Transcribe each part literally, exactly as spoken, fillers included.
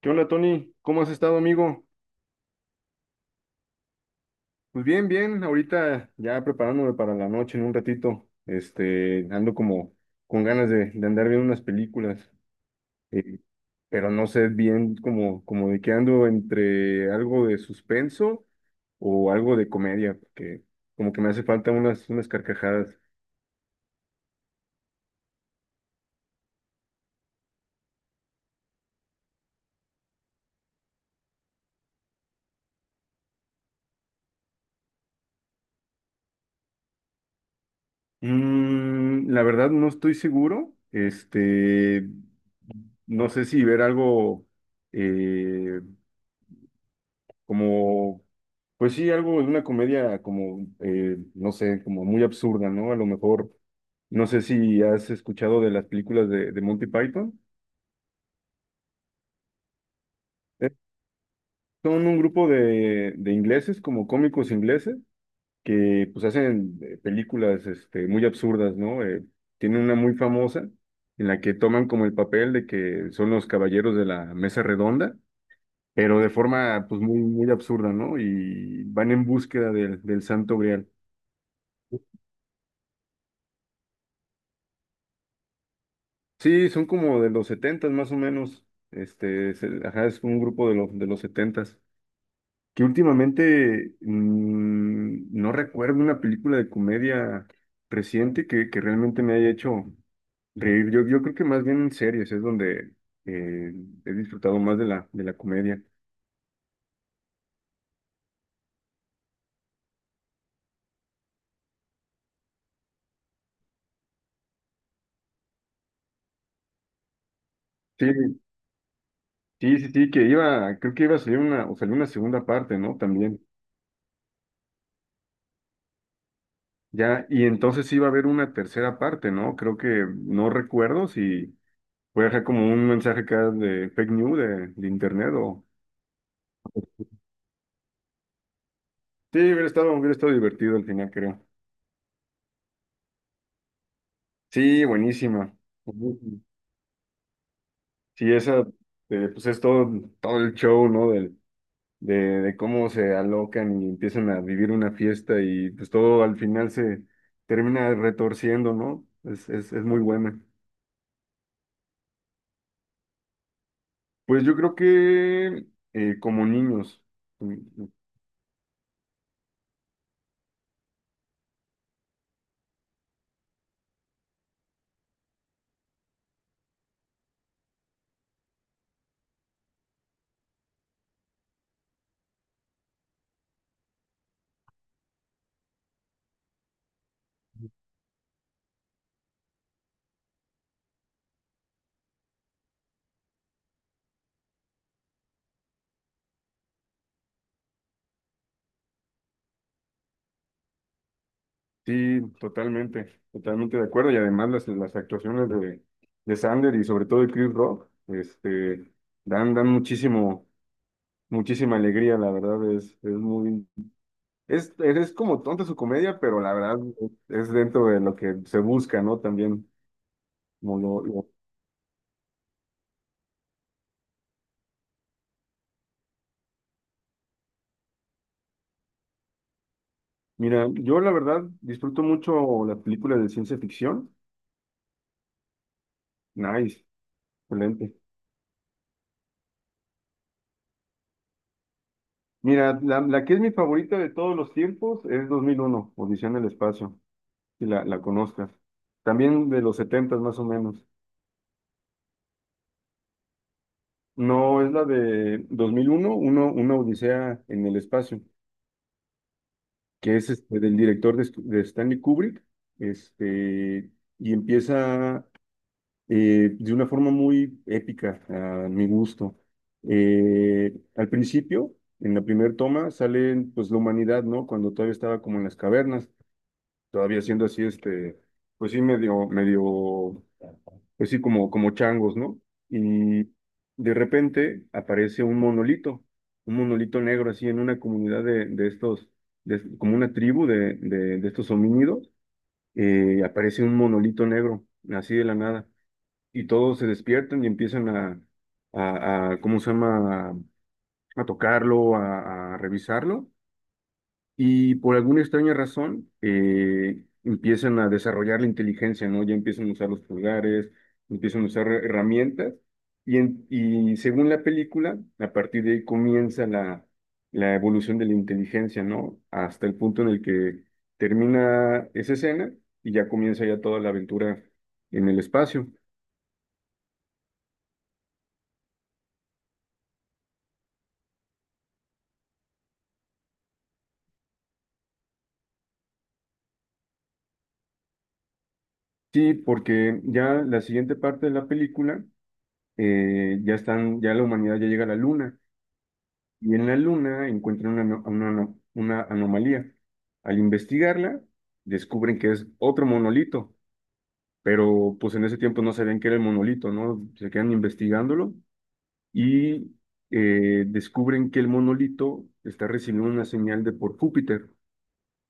¿Qué onda, Tony? ¿Cómo has estado, amigo? Pues bien, bien, ahorita ya preparándome para la noche en un ratito. Este, ando como con ganas de, de andar viendo unas películas, eh, pero no sé bien como, como de qué ando entre algo de suspenso o algo de comedia, porque como que me hace falta unas, unas carcajadas. Mm, la verdad no estoy seguro. Este, no sé si ver algo. eh, Como, pues sí, algo de una comedia como, eh, no sé, como muy absurda, ¿no? A lo mejor, no sé si has escuchado de las películas de, de Monty Python. Eh, Son un grupo de, de ingleses, como cómicos ingleses, que pues hacen eh, películas este, muy absurdas, ¿no? Eh, tienen una muy famosa en la que toman como el papel de que son los caballeros de la mesa redonda, pero de forma pues muy, muy absurda, ¿no? Y van en búsqueda del, del Santo Grial. Sí, son como de los setentas más o menos. Este, es, el- ajá, es un grupo de los de los setentas. Que últimamente mm, no recuerdo una película de comedia reciente que, que realmente me haya hecho reír. Yo, yo creo que más bien en series es donde eh, he disfrutado más de la, de la comedia. Sí, sí, sí, sí, que iba, creo que iba a salir una, o salió una segunda parte, ¿no? También. Ya, y entonces iba a haber una tercera parte, ¿no? Creo que no recuerdo si. Voy a dejar como un mensaje acá de fake news de, de internet o... Sí, hubiera estado, hubiera estado divertido al final, creo. Sí, buenísima. Sí, esa, eh, pues es todo, todo el show, ¿no? Del- De, de cómo se alocan y empiezan a vivir una fiesta y pues todo al final se termina retorciendo, ¿no? Es, es, es muy buena. Pues yo creo que eh, como niños. Sí, totalmente, totalmente de acuerdo. Y además las, las actuaciones de, de Sander y sobre todo de Chris Rock, este, dan, dan muchísimo, muchísima alegría, la verdad, es, es muy, es, es como tonta su comedia, pero la verdad es dentro de lo que se busca, ¿no? También, como lo- lo- mira, yo la verdad disfruto mucho las películas de ciencia ficción. Nice, excelente. Mira, la, la que es mi favorita de todos los tiempos es dos mil uno Odisea en el espacio. Si la, la conozcas. También de los setenta más o menos. No, es la de dos mil uno, uno, uno, una Odisea en el espacio, que es este, del director de, St- de Stanley Kubrick, este, y empieza eh, de una forma muy épica, a mi gusto. Eh, al principio, en la primera toma, sale pues, la humanidad, ¿no? Cuando todavía estaba como en las cavernas, todavía siendo así, este, pues sí, medio, medio, pues sí, como, como changos, ¿no? Y de repente aparece un monolito, un monolito negro así en una comunidad de, de estos, de- como una tribu de, de, de estos homínidos, eh, aparece un monolito negro, así de la nada, y todos se despiertan y empiezan a, a, a, ¿cómo se llama? A tocarlo, a, a revisarlo. Y por alguna extraña razón, eh, empiezan a desarrollar la inteligencia, ¿no? Ya empiezan a usar los pulgares, empiezan a usar herramientas. Y, en- y según la película, a partir de ahí comienza la, la evolución de la inteligencia, ¿no? Hasta el punto en el que termina esa escena y ya comienza ya toda la aventura en el espacio. Sí, porque ya la siguiente parte de la película, eh, ya están, ya la humanidad ya llega a la luna. Y en la Luna encuentran una, ano- una ano- una anomalía. Al investigarla, descubren que es otro monolito, pero pues en ese tiempo no sabían que era el monolito, ¿no? Se quedan investigándolo y eh, descubren que el monolito está recibiendo una señal de por Júpiter.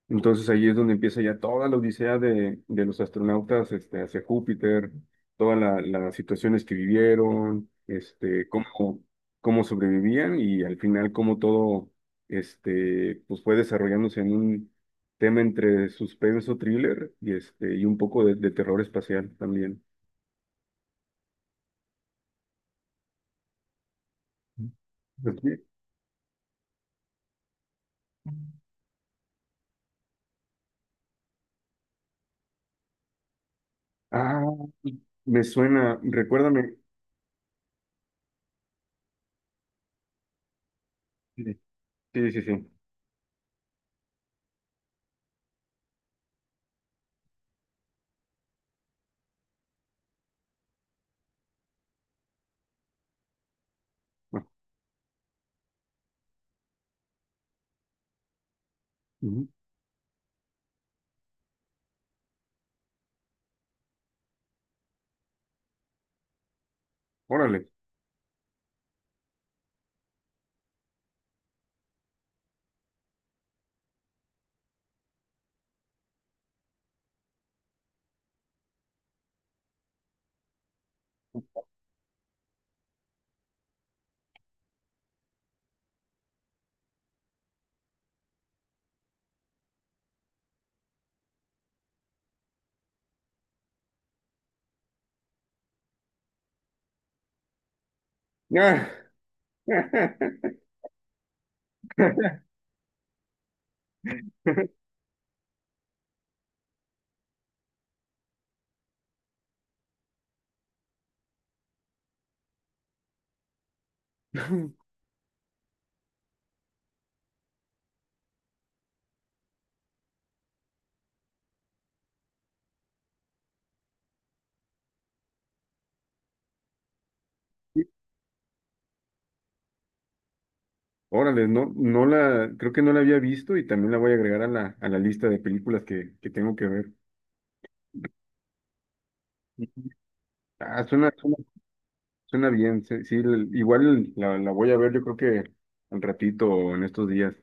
Entonces ahí es donde empieza ya toda la odisea de, de los astronautas este, hacia Júpiter, todas la- las situaciones que vivieron, este, cómo, cómo sobrevivían y al final cómo todo este, pues fue desarrollándose en un tema entre suspenso, thriller y, este, y un poco de, de terror espacial también. Pues, sí. Ah, me suena, recuérdame. Sí, sí, sí. Sí. Ah, ujú. Órale. Ah. Órale, no, no la, creo que no la había visto y también la voy a agregar a la, a la lista de películas que, que tengo que ver. Ah, suena, suena, suena bien, sí, sí, l- igual la, la voy a ver yo creo que al ratito o en estos días.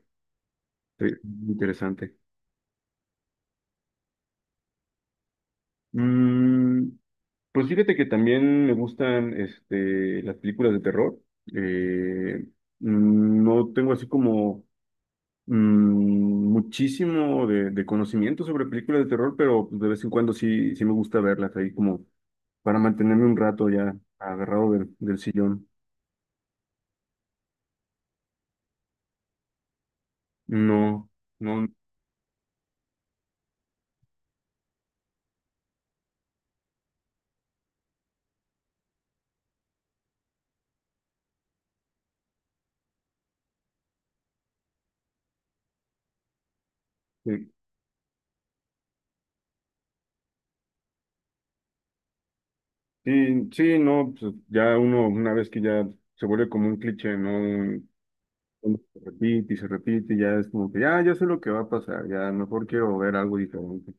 Sí, interesante. Mm, pues fíjate que también me gustan este, las películas de terror. Eh, mm, no tengo así como mm, muchísimo de, de conocimiento sobre películas de terror, pero pues, de vez en cuando sí, sí me gusta verlas ahí como para mantenerme un rato ya agarrado del, del sillón. No, no, sí, sí, sí, no, pues, ya uno, una vez que ya se vuelve como un cliché, ¿no? Uno se repite y se repite, y ya es como que ya, ya sé lo que va a pasar, ya mejor quiero ver algo diferente.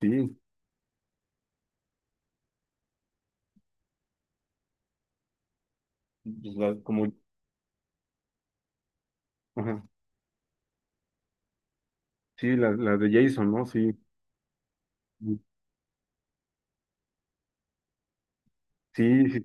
Sí, pues, las- como, ajá, sí, las las de Jason, ¿no? Sí, sí, sí.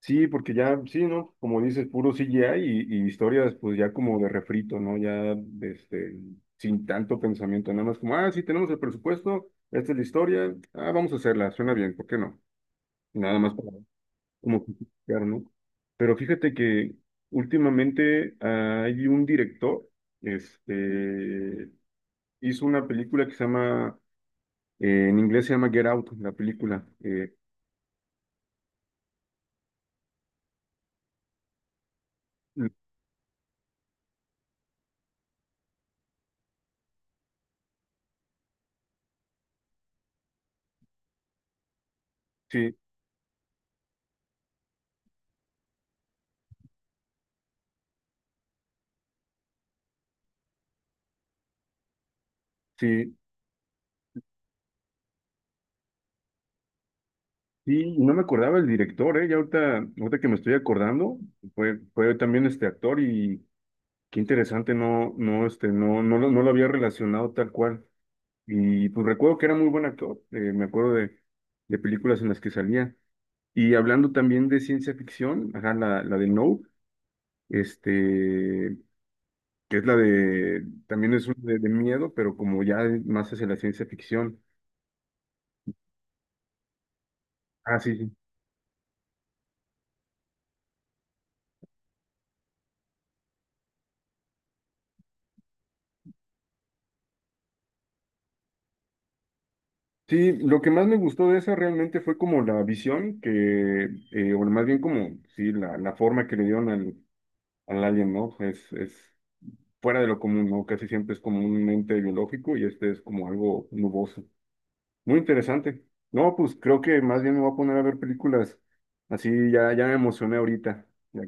Sí, porque ya, sí, ¿no? Como dices, puro C G I y, y historias, pues ya como de refrito, ¿no? Ya, este, sin tanto pensamiento, nada más como, ah, sí, tenemos el presupuesto, esta es la historia, ah, vamos a hacerla, suena bien, ¿por qué no? Nada más para, como justificar, ¿no? Pero fíjate que últimamente hay un director, este, hizo una película que se llama, eh, en inglés se llama Get Out, la película. Eh, sí, sí. Sí, no me acordaba el director, ¿eh? Ya ahorita, ahorita que me estoy acordando, fue, fue también este actor y qué interesante, no, no, este, no, no, lo- no lo había relacionado tal cual. Y pues recuerdo que era muy buen actor, eh, me acuerdo de, de películas en las que salía. Y hablando también de ciencia ficción, ajá, la, la de No, este, que es la de, también es una de, de miedo, pero como ya más hacia la ciencia ficción. Ah, sí, sí. Sí, lo que más me gustó de esa realmente fue como la visión que, eh, o más bien como, sí, la, la forma que le dieron al, al alien, ¿no? Es, es fuera de lo común, ¿no? Casi siempre es como un ente biológico y este es como algo nuboso. Muy interesante. No, pues creo que más bien me voy a poner a ver películas. Así ya, ya me emocioné ahorita. Ya.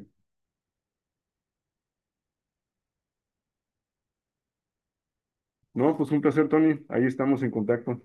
No, pues un placer, Tony. Ahí estamos en contacto.